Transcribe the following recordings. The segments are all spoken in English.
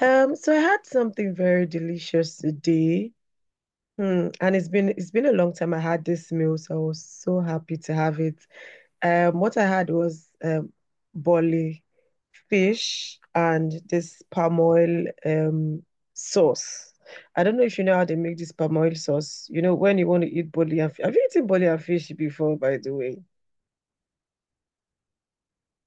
So I had something very delicious today. Hmm. And it's been a long time I had this meal, so I was so happy to have it. What I had was boli fish and this palm oil sauce. I don't know if you know how they make this palm oil sauce. When you want to eat boli and have you eaten boli and fish before, by the way?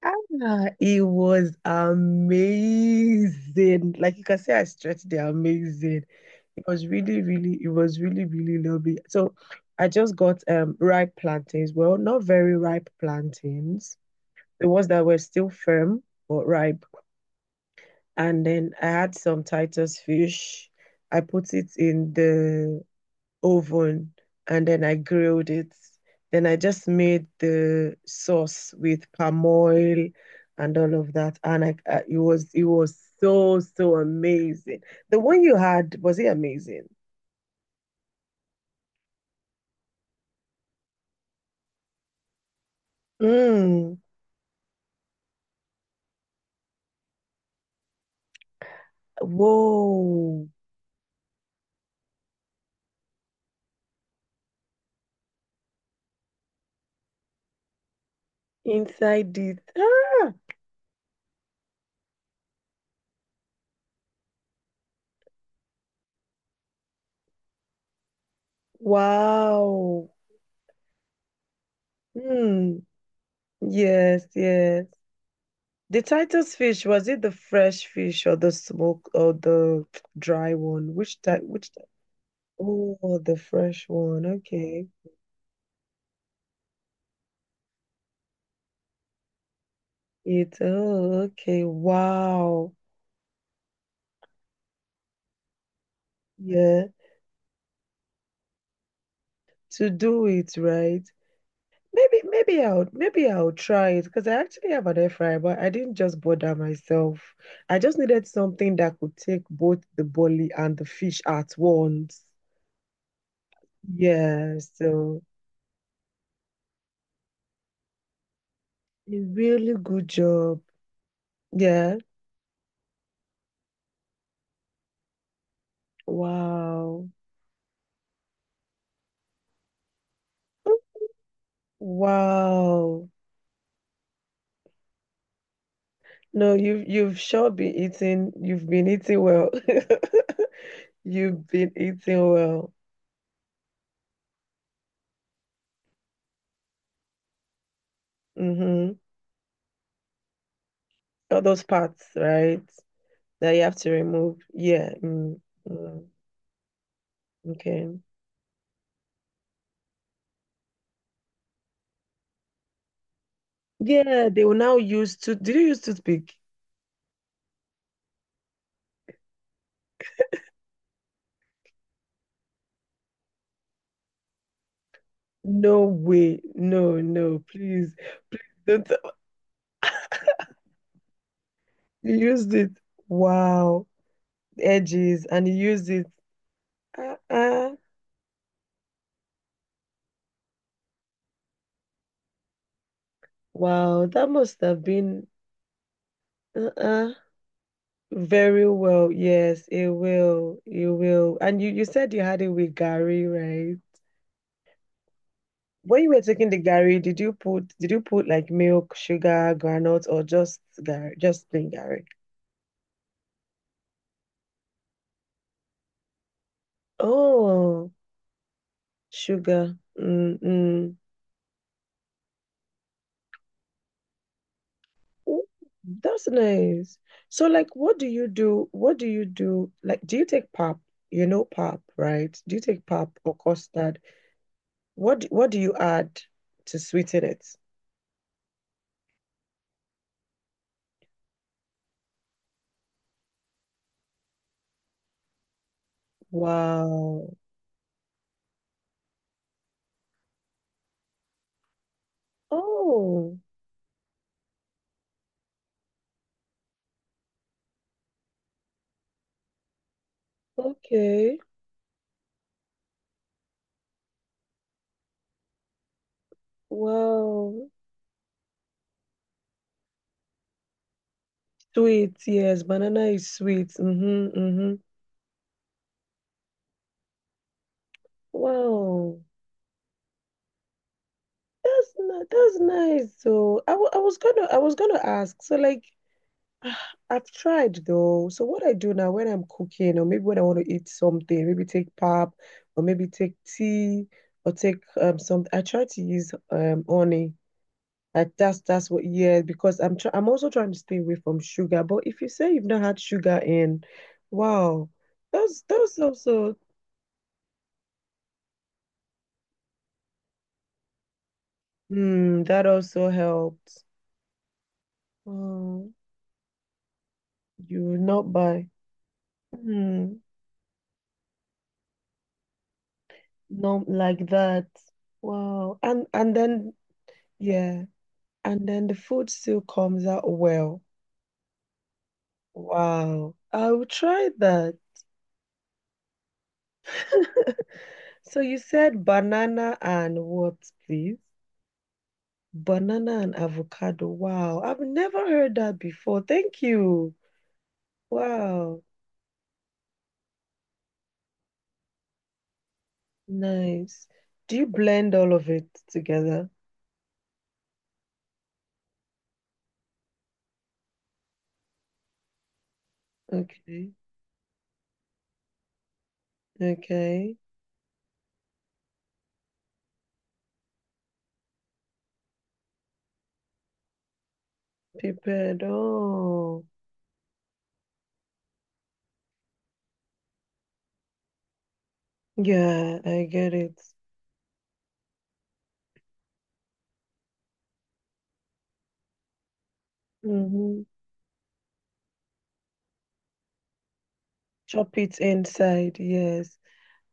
Ah, it was amazing. Like you can say I stretched the amazing. It was really, really lovely. So I just got ripe plantains. Well, not very ripe plantains. The ones that were still firm but ripe. And then I had some Titus fish. I put it in the oven and then I grilled it. Then I just made the sauce with palm oil and all of that. And it was so, so amazing. The one you had, was it amazing? Mm, whoa, inside it. Ah, wow. Mm, yes, yes. The Titus fish, was it the fresh fish or the smoke or the dry one? Which type, which oh, the fresh one. Okay. Oh, okay. Wow. Yeah. To do it right. Maybe I'll try it because I actually have an air fryer, but I didn't just bother myself. I just needed something that could take both the bully and the fish at once. Yeah. So, a really good job. Yeah. Wow. Wow. No, you've sure been eating. You've been eating well. You've been eating well. Mm-hmm. All those parts, right? That you have to remove. Yeah. Mm, mm, okay. Yeah, they will now use tooth. Did you use toothpick? No way. No, no, please. Don't you used it. Wow. Edges and you used it. Uh-uh. Wow, that must have been uh-uh. Very well. Yes, it will. It will. And you said you had it with Gary, right? When you were taking the Gary, did you put like milk, sugar, granules, or just Gary, just plain Gary? Oh, sugar. Mm-mm. Ooh, that's nice. So like what do you do? What do you do? Like do you take pap? You know pap, right? Do you take pap or custard? What do you add to sweeten it? Wow. Oh. Okay. Wow. Sweet. Yes, banana is sweet. Mm-hmm. Mm-hmm. Wow. That's not, that's nice though. I was gonna ask. So like I've tried though. So what I do now when I'm cooking or maybe when I want to eat something, maybe take pap or maybe take tea or take some I try to use honey. Like that's what yeah, because I'm also trying to stay away from sugar. But if you say you've not had sugar in, wow, that's that's also that also helped. Oh, you will not buy. hmm Not like that. Wow. And then yeah, and then the food still comes out well. Wow. I will try that. So you said banana and what, please? Banana and avocado. Wow. I've never heard that before. Thank you. Wow. Nice. Do you blend all of it together? Okay. Okay. Prepared. Oh, yeah, I get it. Mm-hmm. Chop it inside. Yes.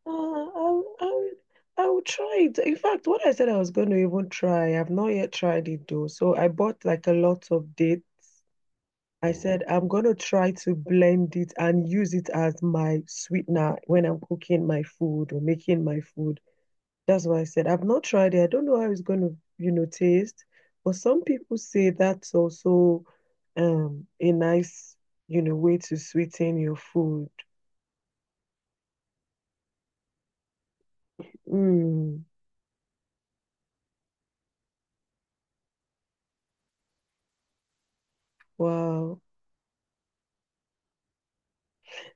Ah, I'll, I'll, I'll try it. In fact, what I said I was going to even try, I've not yet tried it though. So I bought like a lot of dates. I said, I'm going to try to blend it and use it as my sweetener when I'm cooking my food or making my food. That's why I said, I've not tried it. I don't know how it's going to, taste. But some people say that's also a nice, way to sweeten your food. Mm, wow.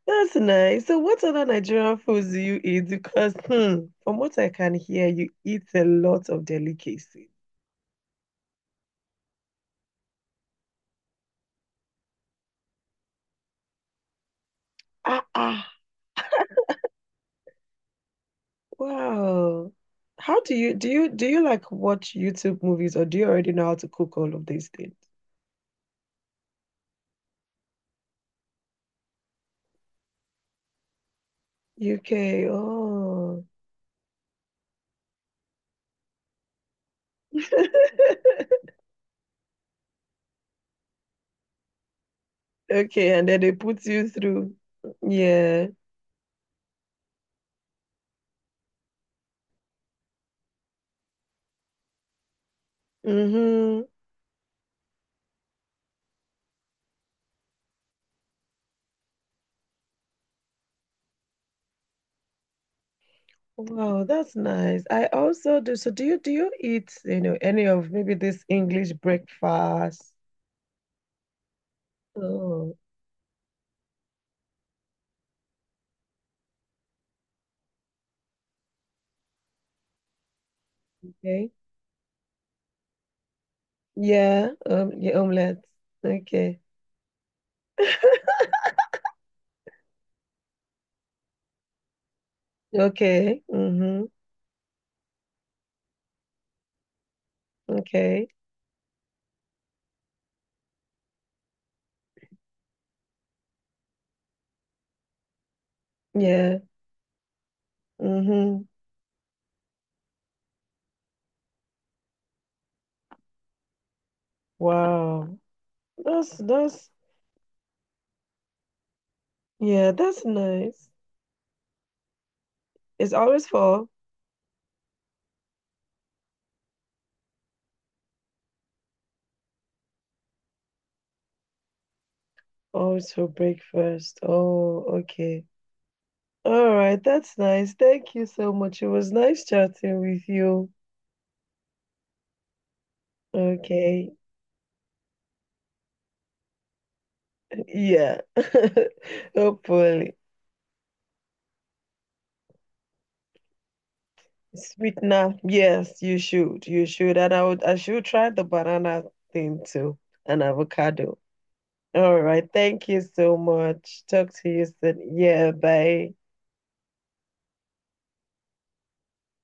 That's nice. So what other Nigerian foods do you eat? Because from what I can hear, you eat a lot of delicacies. Ah, ah. Wow. How do you like watch YouTube movies or do you already know how to cook all of these things? UK. Oh. Okay, and then they put you through. Yeah. Mm-hmm. Wow, that's nice. I also do. So do you eat, any of maybe this English breakfast? Oh, okay. Yeah, yeah, omelette. Okay. Okay. Mm-hmm. Okay. Yeah. Mm-hmm. Wow. That's yeah, that's nice. It's always for breakfast. Oh, okay. All right, that's nice. Thank you so much. It was nice chatting with you. Okay. Yeah. Hopefully. Sweetener. Yes, you should. You should. And I should try the banana thing too. And avocado. All right. Thank you so much. Talk to you soon. Yeah, bye.